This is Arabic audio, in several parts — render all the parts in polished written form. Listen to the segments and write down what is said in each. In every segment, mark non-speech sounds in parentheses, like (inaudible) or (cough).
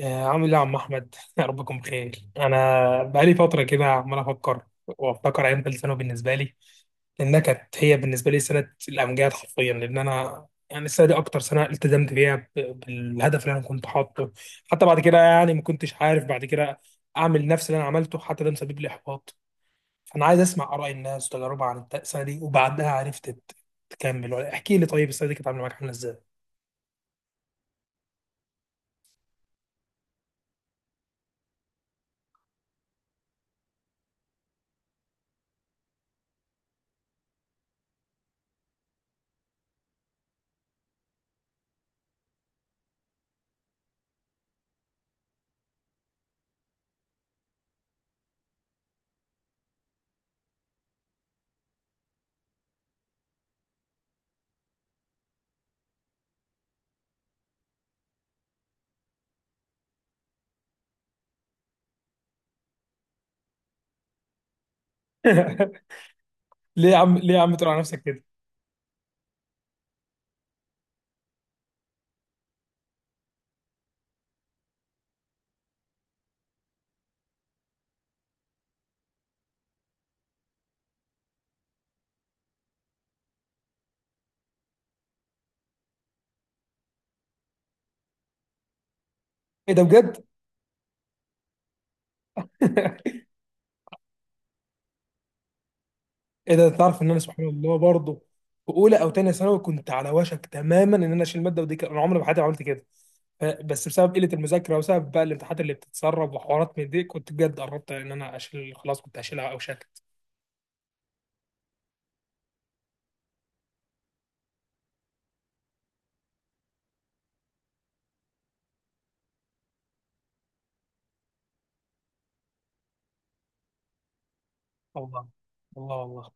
عامل ايه يا عم احمد (laughs) يا رب تكون بخير. انا بقالي فتره كده عمال افكر وافتكر ايام ثالث ثانوي بالنسبه لي، لانها كانت هي بالنسبه لي سنه الامجاد حرفيا، لان انا يعني السنه دي اكتر سنه التزمت بيها بالهدف اللي انا كنت حاطه. حتى بعد كده يعني ما كنتش عارف بعد كده اعمل نفس اللي انا عملته، حتى ده مسبب لي احباط. فانا عايز اسمع اراء الناس وتجاربها عن السنه دي وبعدها، عرفت تكمل ولا احكي لي طيب السنه دي كانت عامله معاك عامله ازاي؟ (laughs) ليه يا عم؟ ليه يا عم تقول على نفسك كده؟ ايه ده بجد؟ (laughs) ايه ده؟ تعرف ان انا سبحان الله برضه في اولى او تانية ثانوي كنت على وشك تماما ان انا اشيل ماده، ودي انا عمري ما حياتي ما عملت كده. بس بسبب قله المذاكره وبسبب بقى الامتحانات اللي بتتسرب وحوارات من دي، كنت بجد قربت ان انا اشيل، خلاص كنت هشيلها او شكت. الله. الله والله.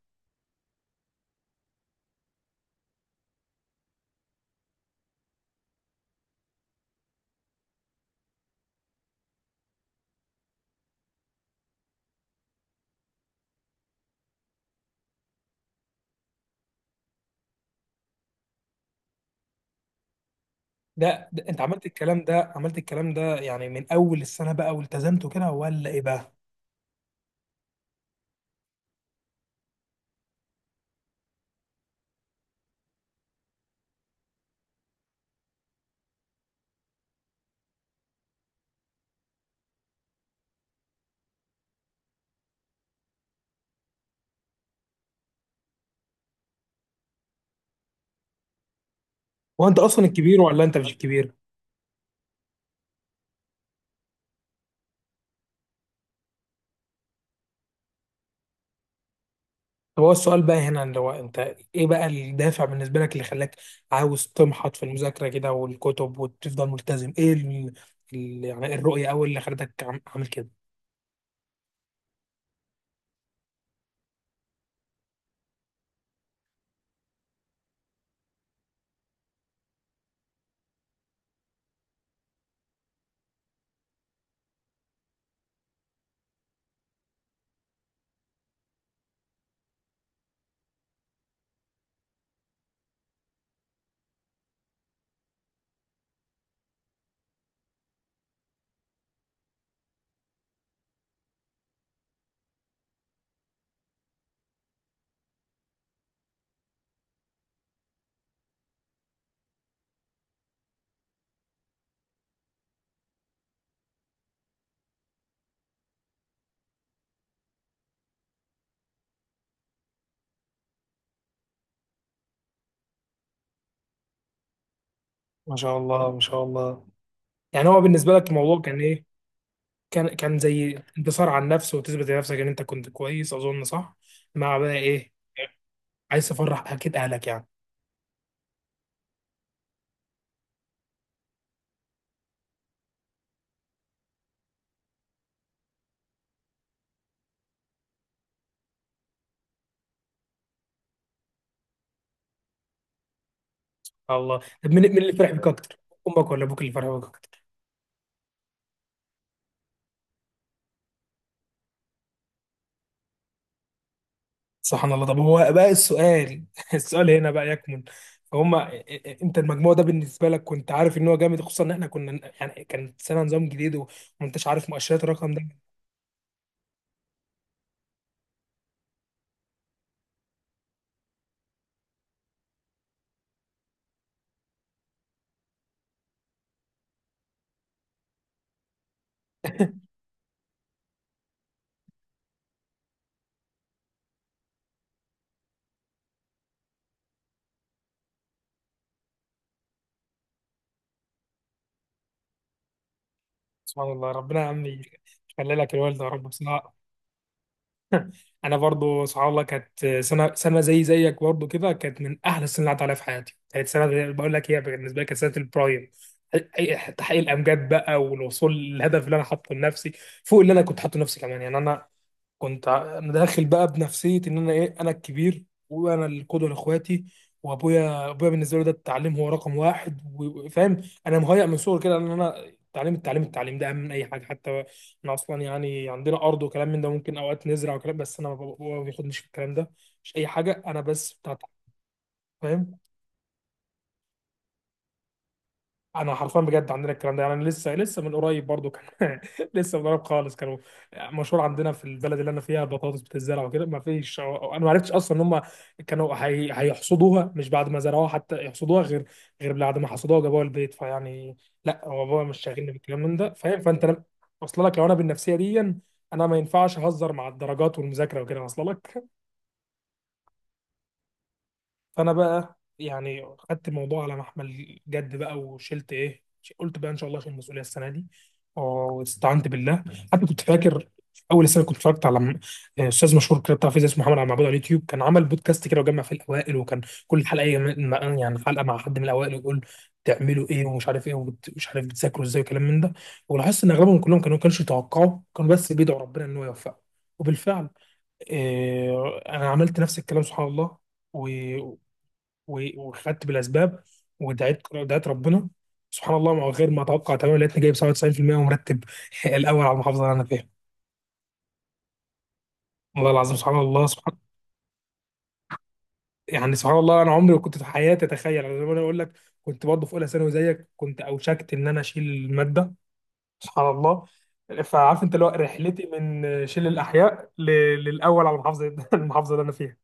ده انت عملت الكلام ده، عملت الكلام ده يعني من اول السنه بقى والتزمت كده ولا ايه بقى؟ هو انت اصلا الكبير ولا انت مش الكبير؟ طب هو السؤال بقى هنا اللي هو انت، ايه بقى الدافع بالنسبه لك اللي خلاك عاوز تمحط في المذاكره كده والكتب وتفضل ملتزم؟ ايه يعني الرؤيه اول اللي خلتك عامل كده؟ ما شاء الله، ما شاء الله. يعني هو بالنسبه لك الموضوع كان ايه؟ كان زي انتصار على النفس وتثبت لنفسك ان انت كنت كويس، اظن صح؟ مع بقى ايه؟ عايز تفرح اكيد اهلك يعني. الله، طب مين؟ مين اللي فرح بيك اكتر؟ امك ولا ابوك اللي فرح بيك اكتر؟ سبحان الله. طب هو بقى السؤال (laughs) السؤال هنا بقى يكمن فهم، انت المجموع ده بالنسبه لك كنت عارف ان هو جامد؟ خصوصا ان احنا كنا يعني كان سنه نظام جديد وما انتش عارف مؤشرات الرقم ده. سبحان الله، ربنا يا عم يخلي لك الوالده يا رب بصراحه. (laughs) انا برضو سبحان الله كانت سنه، زي زيك برضو كده، كانت من احلى السنين اللي عدت عليها في حياتي. كانت بقول لك هي بالنسبه لي كانت سنه البرايم، تحقيق الامجاد بقى والوصول للهدف اللي انا حاطه لنفسي، فوق اللي انا كنت حاطه لنفسي كمان. يعني انا كنت انا داخل بقى بنفسيه ان انا ايه، انا الكبير وانا القدوه لاخواتي، وابويا، ابويا بالنسبه له ده التعليم هو رقم واحد وفاهم، انا مهيأ من صغري كده ان انا التعليم التعليم التعليم ده اهم من اي حاجه. حتى احنا اصلا يعني عندنا ارض وكلام من ده، ممكن اوقات نزرع وكلام، بس انا بابا ما بياخدنيش في الكلام ده، مش اي حاجه انا بس بتاع تعليم. انا حرفيا بجد عندنا الكلام ده، يعني انا لسه لسه من قريب برضو كان (laughs) لسه من قريب خالص كانوا مشهور عندنا في البلد اللي انا فيها بطاطس بتتزرع وكده، ما فيش، انا ما عرفتش اصلا ان هم كانوا هيحصدوها، مش بعد ما زرعوها حتى يحصدوها، غير غير بعد ما حصدوها وجابوها البيت، فيعني لا هو بابا مش شاغلني بالكلام من ده فاهم. فانت لم- اصل لك، لو انا بالنفسيه دي انا ما ينفعش اهزر مع الدرجات والمذاكره وكده، اصل لك. فانا بقى يعني خدت الموضوع على محمل جد بقى وشلت ايه، قلت بقى ان شاء الله اشيل المسؤوليه السنه دي واستعنت بالله. حتى كنت فاكر في اول السنه كنت اتفرجت على استاذ مشهور كده بتاع فيزياء اسمه محمد عبد المعبود على اليوتيوب، كان عمل بودكاست كده وجمع في الاوائل، وكان كل حلقه يعني حلقه مع حد من الاوائل، ويقول تعملوا ايه ومش عارف ايه ومش عارف بتذاكروا ازاي وكلام من ده. ولاحظت ان اغلبهم كلهم كانوا ما كانوش يتوقعوا، كانوا بس بيدعوا ربنا ان هو يوفقه. وبالفعل انا عملت نفس الكلام سبحان الله، وخدت بالاسباب، دعيت ربنا. سبحان الله، مع غير ما اتوقع تماما، لقيتني جايب 97% ومرتب (laughs) الاول على المحافظه اللي انا فيها. والله العظيم، سبحان الله سبحان. يعني سبحان الله، انا عمري ما كنت في حياتي اتخيل، أنا زي ما انا اقول لك كنت برضه في اولى ثانوي زيك، كنت اوشكت ان انا اشيل الماده، سبحان الله. فعارف انت اللي هو رحلتي من شيل الاحياء للاول على المحافظه (laughs) المحافظه اللي انا فيها.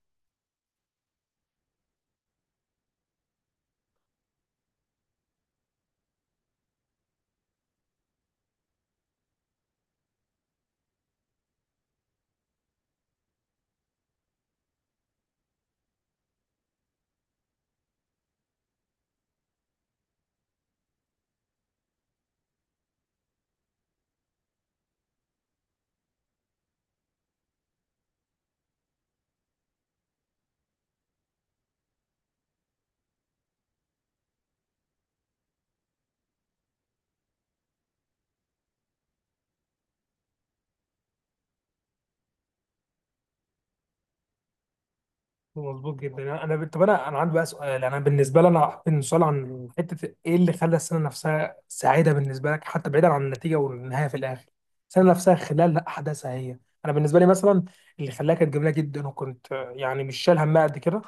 مظبوط جدا. انا طب انا، انا عندي بقى سؤال، انا بالنسبه لي، انا هحط سؤال عن حته ايه اللي خلى السنه نفسها سعيده بالنسبه لك، حتى بعيدا عن النتيجه والنهايه في الاخر، السنه نفسها خلال احداثها هي. انا بالنسبه لي مثلا اللي خلاها كانت جميله جدا، وكنت يعني مش شايل همها قد كده،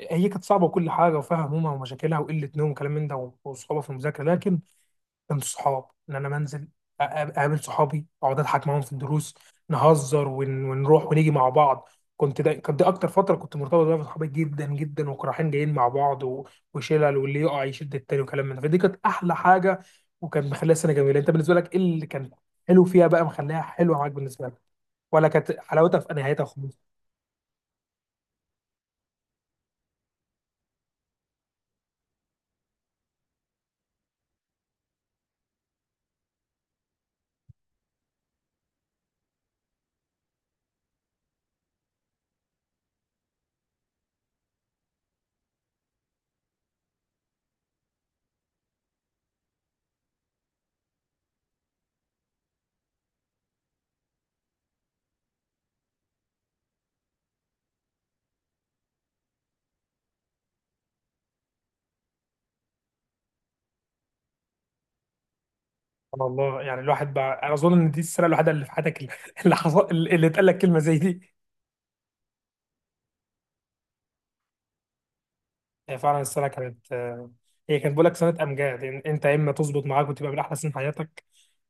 هي كانت صعبه وكل حاجه وفيها همومها ومشاكلها وقله نوم وكلام من ده وصعوبه في المذاكره، لكن من الصحاب ان انا منزل اقابل صحابي، اقعد اضحك معاهم في الدروس، نهزر ونروح ونيجي مع بعض. كنت ده كانت دي اكتر فتره كنت مرتبط بيها بصحابي جدا جدا، وكنا رايحين جايين مع بعض وشلل واللي يقع يشد التاني وكلام من ده، فدي كانت احلى حاجه وكان مخليها سنه جميله. انت بالنسبه لك ايه اللي كان حلو فيها بقى مخليها حلوه معاك بالنسبه لك؟ ولا كانت حلاوتها في نهايتها خالص؟ سبحان الله. يعني الواحد بقى، انا اظن ان دي السنه الوحيده اللي في حياتك اللي (laughs) اللي حصل اللي اتقال لك كلمه زي دي. هي فعلا السنه كانت هي كانت بقول لك سنه امجاد، يعني انت يا اما تظبط معاك وتبقى من احلى سنين حياتك،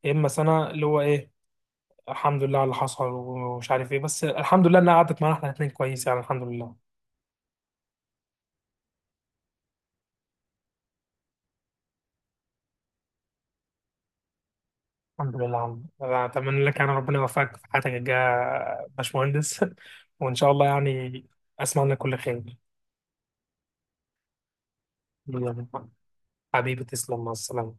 يا اما سنه اللي هو ايه، الحمد لله على اللي حصل ومش عارف ايه. بس الحمد لله انها قعدت معانا احنا الاثنين كويس، يعني الحمد لله. الحمد لله يا عم، أنا اتمنى لك يعني ربنا يوفقك في حياتك الجايه يا باشمهندس (laughs) وان شاء الله يعني اسمع لك كل خير. يلا، حبيبي تسلم، مع السلامه.